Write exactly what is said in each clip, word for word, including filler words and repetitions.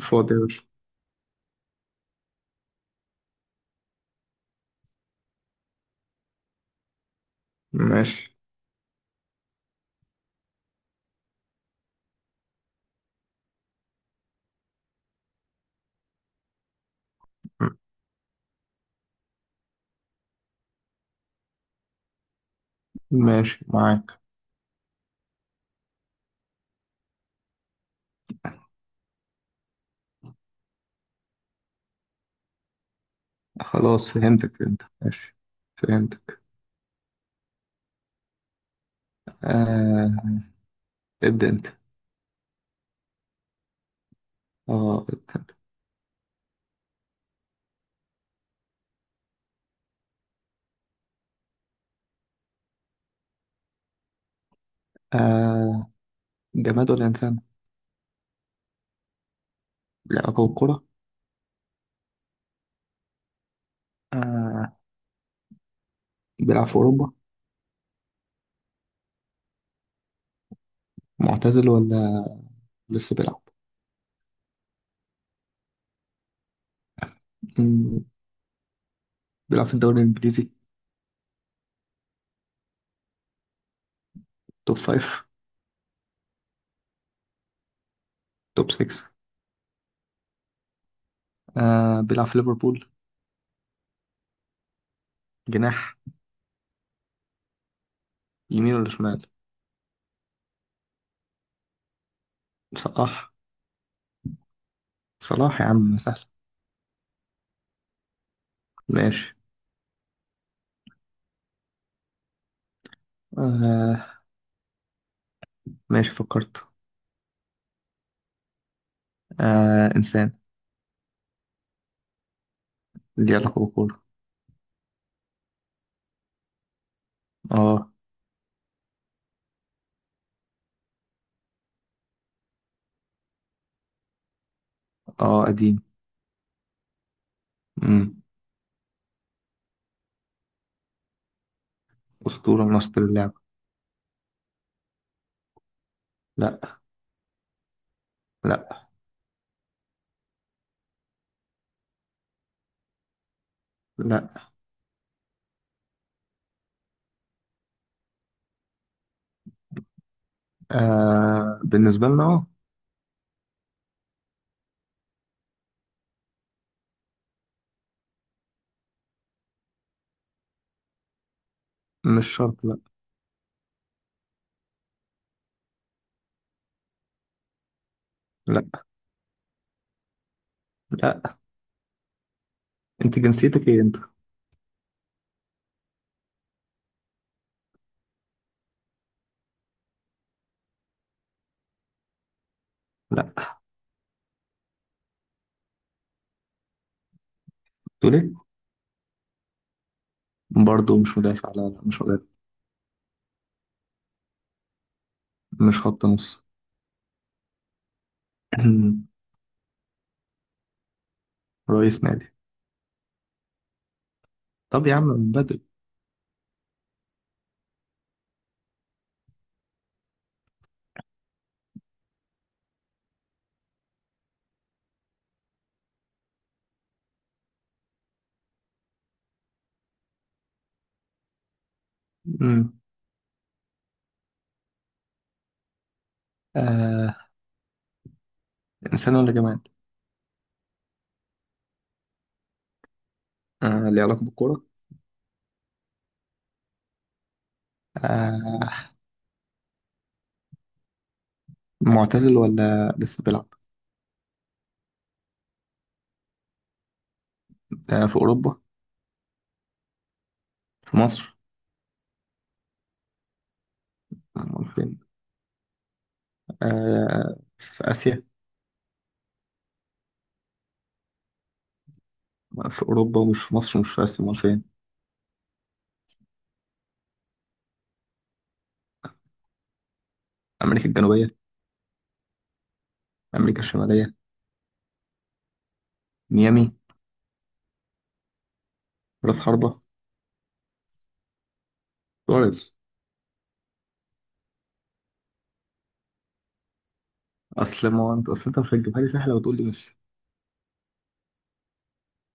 فاضي يا باشا. ماشي. ماشي معاك. خلاص فهمتك فهمتك ماشي. فهمتك. آه. ابدأ انت. اه، ابدأ انت. آه، جماد ولا إنسان؟ لا، أبو كرة. آه، بيلعب في أوروبا. معتزل ولا لسه بيلعب؟ مم، بيلعب في الدوري الإنجليزي. توب فايف. توب سكس. آه، بيلعب في ليفربول. جناح. يمين ولا شمال؟ صلاح. صلاح يا عم سهل. ماشي. آه، ماشي فكرت. آه، إنسان. ليه علاقة بالكورة. اه. اه، قديم. امم أسطورة من أسطورة اللعبة. لا. لا. لا. آه، بالنسبة لنا اه. مش شرط، لا. لا. لا. انت جنسيتك ايه انت. لا. تقول ايه. برضه مش مدافع، لا، لا مش مدافع. مش خط نص. رئيس نادي. طب يا عم من بدري. امم آه، انسان ولا جماد. آه، ليه علاقة بالكورة. آه، معتزل ولا لسه بيلعب. آه، في أوروبا. في مصر. امال فين. آه، في آسيا. في أوروبا ومش في مصر ومش في آسيا، امال فين. أمريكا الجنوبية. أمريكا الشمالية. ميامي. راس حربة. سواريز. أصل ما هو أنت، أصل أنت مش هتجيبها لي سهلة وتقول لي ميسي.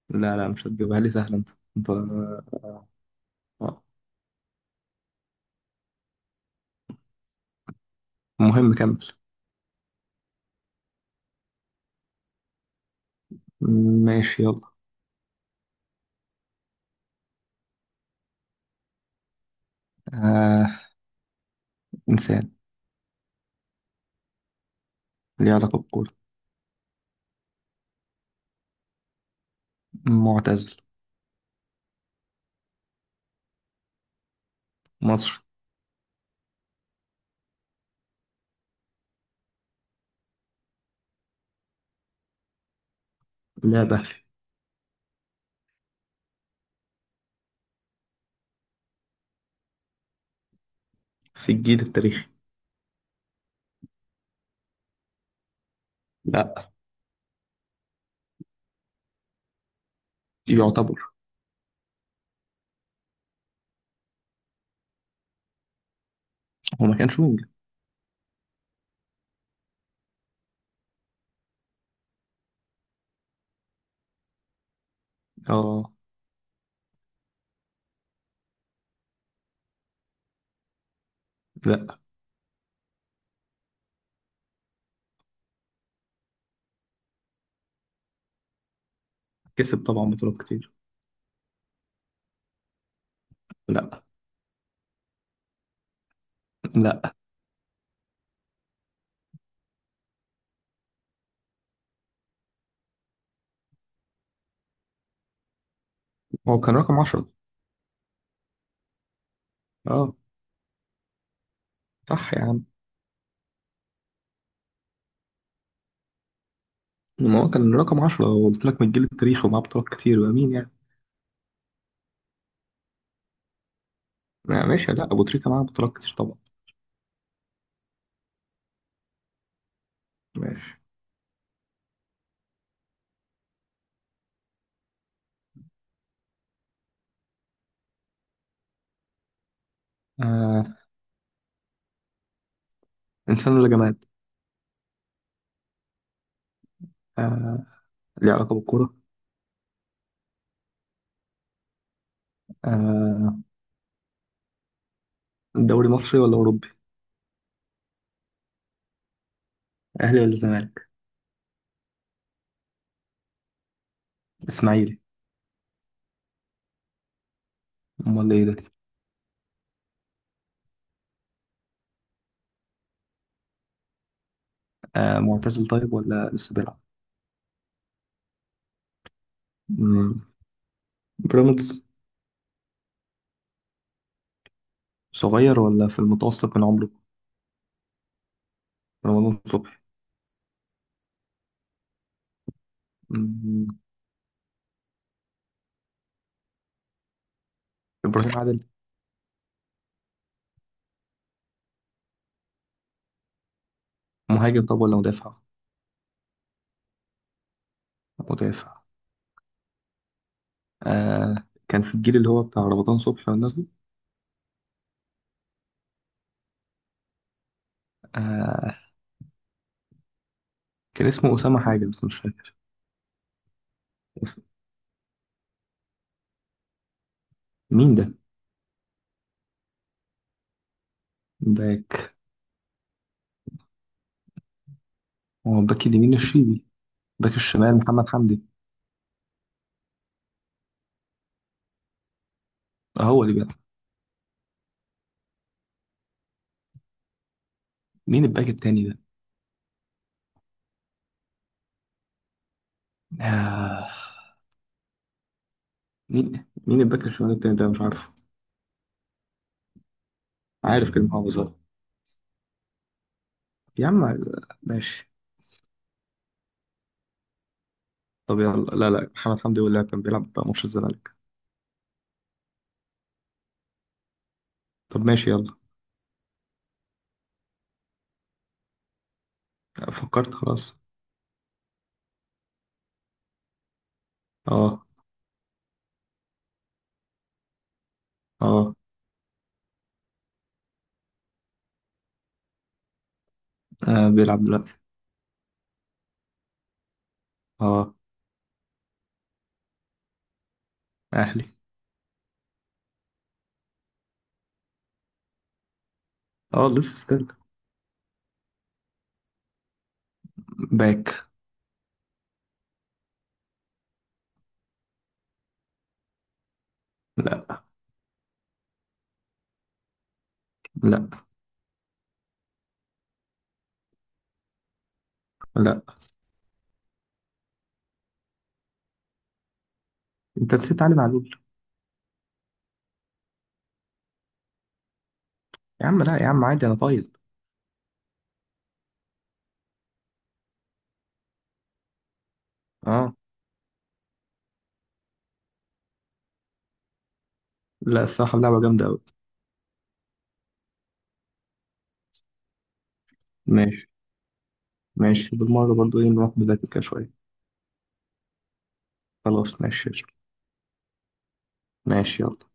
لا، لا مش هتجيبها لي سهلة أنت. أنت. آه. مهم كمل. ماشي يلا. آه. إنسان. ليه علاقة بالكورة. معتزل. مصري. لاعب أهلي. في الجيل التاريخي. لا. يعتبر. هو ما كانش ممكن. اه. لا. كسب طبعا بطولات كتير. لا. لا، هو كان رقم عشرة. اه. صح يا عم. ما هو كان رقم عشرة، قلت لك من الجيل التاريخي ومعاه بطولات كتير وأمين يعني. ما- ماشي. لا، أبو تريكة معاه بطولات كتير طبعا. ماشي. آه، إنسان ولا جماد؟ آه، ليه علاقة بالكورة؟ آه، دوري مصري ولا أوروبي؟ أهلي ولا زمالك؟ إسماعيلي. أمال إيه ده؟ آه، معتزل طيب ولا لسه بيلعب؟ مم. بيراميدز. صغير ولا في المتوسط من عمره؟ رمضان صبحي. مم. إبراهيم عادل. مهاجم طب ولا مدافع؟ مدافع. آه، كان في الجيل اللي هو بتاع رمضان صبحي والناس دي. آه، كان اسمه أسامة حاجة بس مش فاكر. بس مين ده؟ باك. هو الباك اليمين الشيبي. باك الشمال محمد حمدي. هو اللي بيلعب. مين الباك التاني ده؟ آه. مين مين الباك الشمال التاني ده مش عارف. عارف كلمة محافظ أهو. يا عم. ماشي. طب يلا، لا، لا، محمد حمدي هو اللي كان بيلعب بقى ماتش الزمالك. طب ماشي يلا. فكرت خلاص. اه. اه. آه، بيلعب دلوقتي. اه. اهلي. اه، لسه ستيل. باك. لا. لا. لا، انت نسيت علي معلول. يا عم، لا يا عم عادي انا طيب. اه. لا الصراحة اللعبة جامدة أوي. ماشي. ماشي بالمرة برضو إيه نروح نذاكر كده شوية. خلاص ماشي. ماشي يلا.